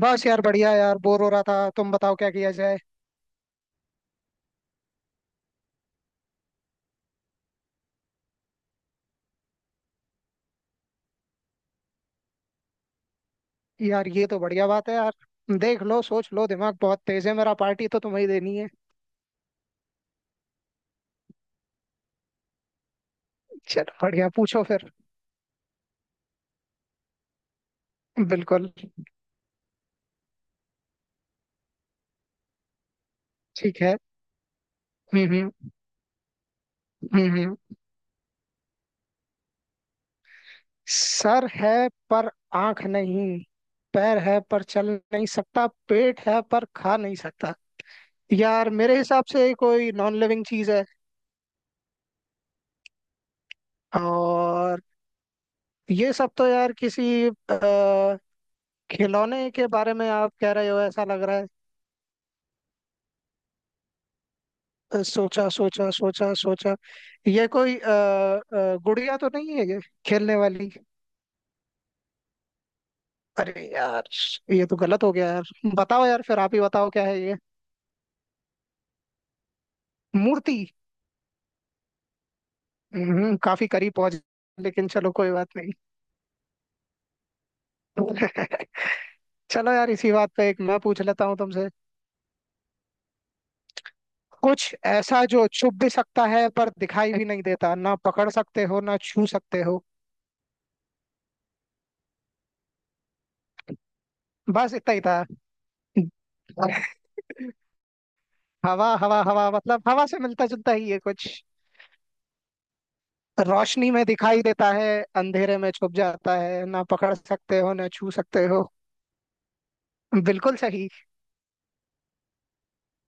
बस यार बढ़िया यार, बोर हो रहा था। तुम बताओ क्या किया जाए। यार ये तो बढ़िया बात है यार। देख लो सोच लो, दिमाग बहुत तेज है मेरा। पार्टी तो तुम्हें ही देनी है। चलो बढ़िया, पूछो फिर। बिल्कुल। ठीक है। हम्म, हम्म, हम्म, सर है पर आंख नहीं, पैर है पर चल नहीं सकता, पेट है पर खा नहीं सकता। यार मेरे हिसाब से कोई नॉन लिविंग चीज है। और ये सब तो यार किसी खिलौने के बारे में आप कह रहे हो, ऐसा लग रहा है। सोचा सोचा सोचा सोचा। ये कोई गुड़िया तो नहीं है ये, खेलने वाली। अरे यार, ये तो गलत हो गया यार। बताओ यार, फिर आप ही बताओ क्या है ये। मूर्ति। काफी करीब पहुंच। लेकिन चलो कोई बात नहीं। चलो यार, इसी बात पे एक मैं पूछ लेता हूँ तुमसे। कुछ ऐसा जो छुप भी सकता है पर दिखाई भी नहीं देता, ना पकड़ सकते हो ना छू सकते हो। बस इतना ही था। हवा हवा हवा, मतलब हवा से मिलता जुलता ही है कुछ। रोशनी में दिखाई देता है, अंधेरे में छुप जाता है, ना पकड़ सकते हो ना छू सकते हो। बिल्कुल सही।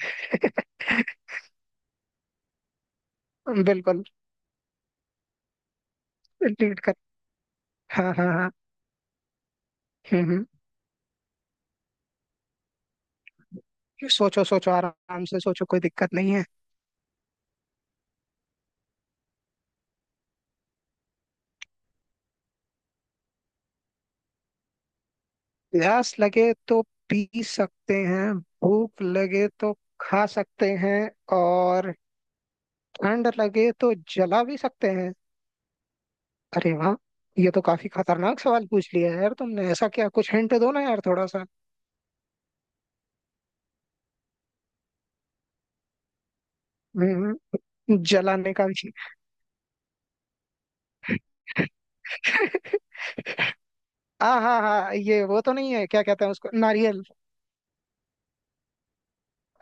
बिल्कुल। लीड कर। हाँ हाँ हाँ। हम्म, सोचो सोचो आराम से सोचो, कोई दिक्कत नहीं है। प्यास लगे तो पी सकते हैं, भूख लगे तो खा सकते हैं, और ठंड लगे तो जला भी सकते हैं। अरे वाह, ये तो काफी खतरनाक सवाल पूछ लिया है यार तुमने। ऐसा क्या? कुछ हिंट दो ना यार थोड़ा सा। हम्म, जलाने का भी। हाँ हाँ हाँ, ये वो तो नहीं है, क्या कहते हैं उसको, नारियल।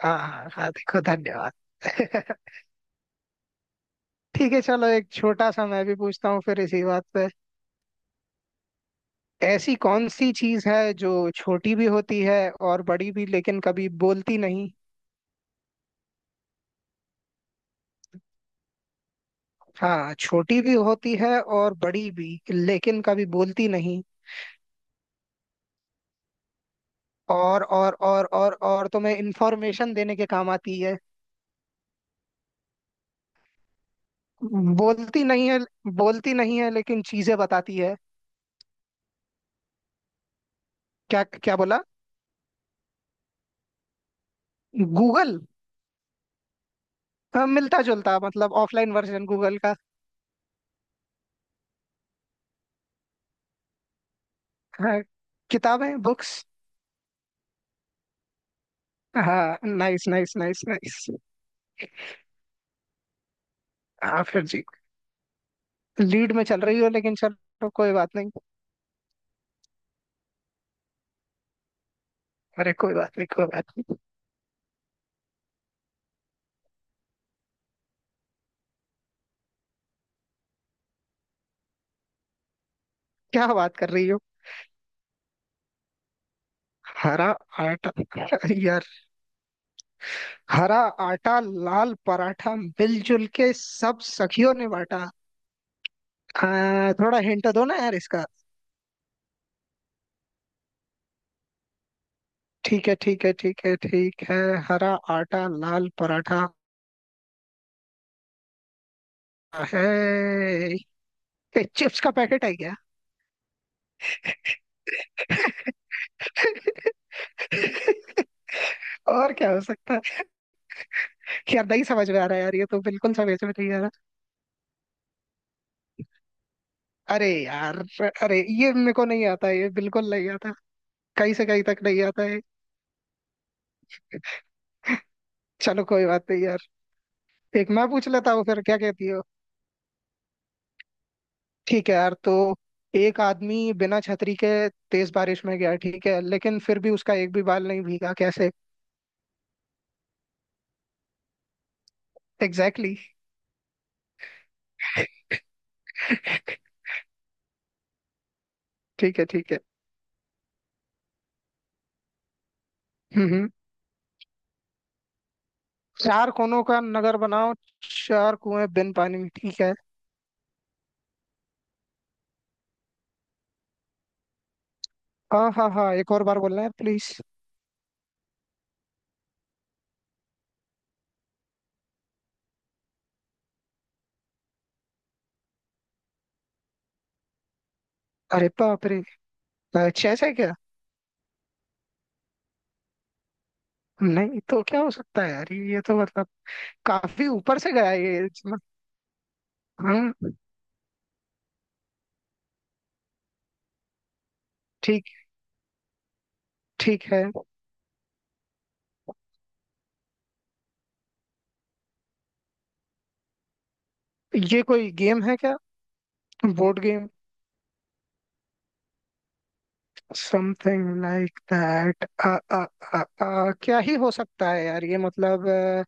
हाँ हाँ हाँ, देखो धन्यवाद। ठीक है, चलो एक छोटा सा मैं भी पूछता हूँ फिर इसी बात पे। ऐसी कौन सी चीज है जो छोटी भी होती है और बड़ी भी, लेकिन कभी बोलती नहीं। हाँ, छोटी भी होती है और बड़ी भी, लेकिन कभी बोलती नहीं। और तुम्हें इंफॉर्मेशन देने के काम आती है। बोलती नहीं है, बोलती नहीं है लेकिन चीजें बताती है। क्या क्या बोला? गूगल? हाँ, मिलता जुलता, मतलब ऑफलाइन वर्जन गूगल का। हाँ, किताबें, बुक्स। हाँ, नाइस नाइस नाइस नाइस। हाँ फिर जी। लीड में चल रही हो, लेकिन चलो कोई बात नहीं। अरे कोई बात नहीं, कोई बात नहीं। क्या बात कर रही हो? हरा आटा। यार हरा आटा लाल पराठा मिलजुल के सब सखियों ने बांटा। हाँ, थोड़ा हिंट दो ना यार इसका। ठीक है ठीक है ठीक है ठीक है। हरा आटा लाल पराठा है। ए, चिप्स का पैकेट है क्या? और क्या हो सकता है? यार नहीं समझ में आ रहा है यार, ये तो बिल्कुल समझ में नहीं आ रहा। अरे यार, अरे ये मेरे को नहीं आता, ये बिल्कुल नहीं आता, कहीं से कहीं तक नहीं आता है। चलो कोई बात नहीं यार। एक मैं पूछ लेता हूँ फिर, क्या कहती हो? ठीक है यार, तो एक आदमी बिना छतरी के तेज बारिश में गया, ठीक है? लेकिन फिर भी उसका एक भी बाल नहीं भीगा, कैसे? Exactly exactly। ठीक है ठीक है। हम्म, चार कोनों का नगर बनाओ, चार कुएं बिन पानी में, ठीक है। हाँ हाँ हाँ, एक और बार बोलना है प्लीज। अरे बाप रे, अच्छा ऐसा है क्या? नहीं तो क्या हो सकता है यार, ये तो मतलब काफी ऊपर से गया है ये। हाँ। ठीक, ठीक है। ये कोई गेम है क्या, board game? Something like that. क्या ही हो सकता है यार, ये मतलब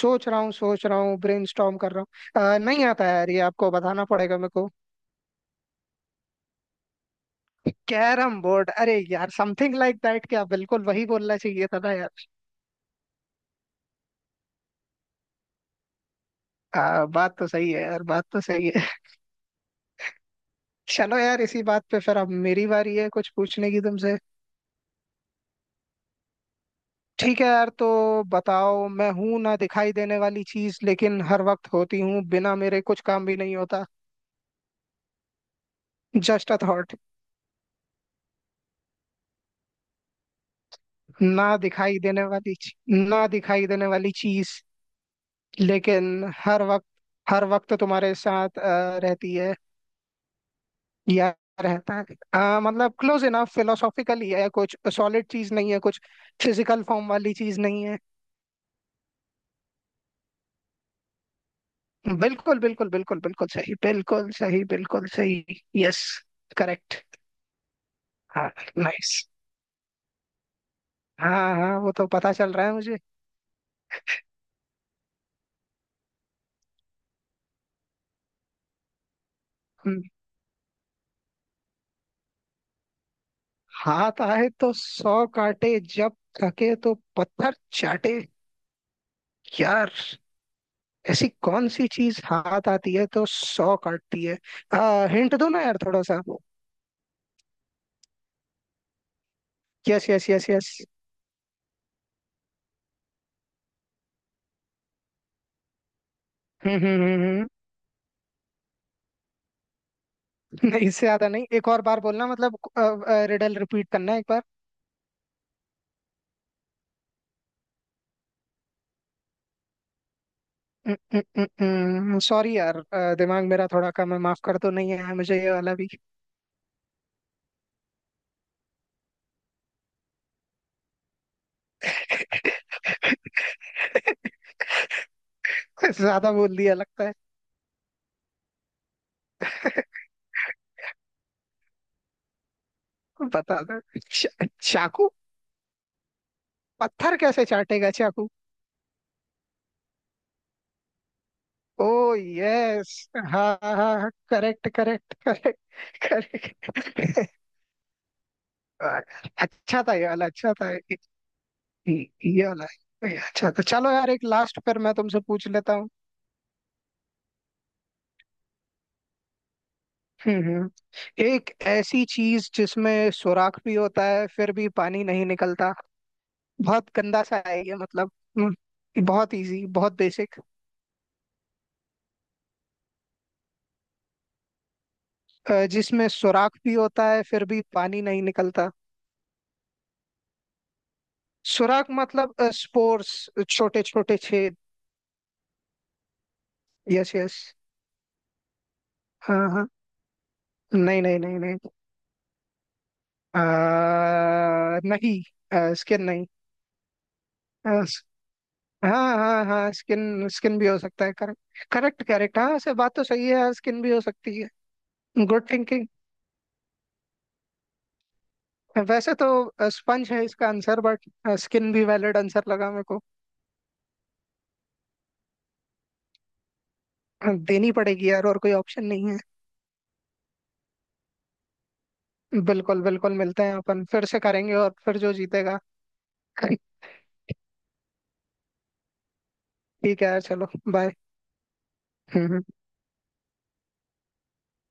सोच रहा हूँ सोच रहा हूँ, ब्रेनस्टॉर्म कर रहा हूँ। नहीं आता है यार, ये आपको बताना पड़ेगा मेरे को। Carrom board. अरे यार, समथिंग लाइक दैट, क्या बिल्कुल वही बोलना चाहिए था ना यार। बात तो सही है यार, बात तो सही है। चलो यार इसी बात पे, फिर अब मेरी बारी है कुछ पूछने की तुमसे। ठीक है यार, तो बताओ, मैं हूं ना दिखाई देने वाली चीज, लेकिन हर वक्त होती हूँ, बिना मेरे कुछ काम भी नहीं होता। Just a thought. ना दिखाई देने वाली ना दिखाई देने वाली चीज, लेकिन हर वक्त, हर वक्त तुम्हारे साथ रहती है, या रहता है। मतलब क्लोज इनफ, फिलोसॉफिकली है कुछ, सॉलिड चीज नहीं है कुछ, फिजिकल फॉर्म वाली चीज नहीं है। बिल्कुल बिल्कुल बिल्कुल बिल्कुल सही, बिल्कुल सही, बिल्कुल सही, यस। करेक्ट। हाँ, नाइस। हाँ हाँ, वो तो पता चल रहा है मुझे। हम्म, हाथ आए तो सौ काटे, जब थके तो पत्थर चाटे। यार, ऐसी कौन सी चीज हाथ आती है तो सौ काटती है। हिंट दो ना यार थोड़ा सा। Yes yes yes yes. हम्म, हम्म, हम्म, हम्म। नहीं, इससे ज्यादा नहीं, एक और बार बोलना मतलब रिडल रिपीट करना है एक बार। सॉरी यार, दिमाग मेरा थोड़ा कम है, माफ कर, तो नहीं है मुझे ये वाला भी। ज्यादा बोल दिया लगता है। बता दो। चाकू? पत्थर कैसे चाटेगा चाकू? ओ यस, हाँ हाँ हाँ, करेक्ट करेक्ट करेक्ट, करेक्ट। अच्छा था ये वाला, अच्छा था ये वाला, ये अच्छा। तो चलो यार, एक लास्ट फिर मैं तुमसे पूछ लेता हूँ। हम्म, एक ऐसी चीज जिसमें सुराख भी होता है फिर भी पानी नहीं निकलता। बहुत गंदा सा है ये, मतलब। हम्म, बहुत इजी, बहुत बेसिक। जिसमें सुराख भी होता है फिर भी पानी नहीं निकलता। सुराख मतलब स्पोर्स, छोटे छोटे छेद। यस यस, हाँ हाँ। नहीं नहीं नहीं नहीं, नहीं स्किन नहीं। अ, स- हाँ हाँ हाँ, स्किन स्किन भी हो सकता है, करेक्ट करेक्ट करेक्ट, हाँ से बात तो सही है, स्किन भी हो सकती है। Good thinking. वैसे तो स्पंज है इसका आंसर, बट स्किन भी वैलिड आंसर लगा मेरे को। देनी पड़ेगी यार, और कोई ऑप्शन नहीं है। बिल्कुल बिल्कुल, मिलते हैं अपन, फिर से करेंगे, और फिर जो जीतेगा। ठीक है यार चलो। बाय।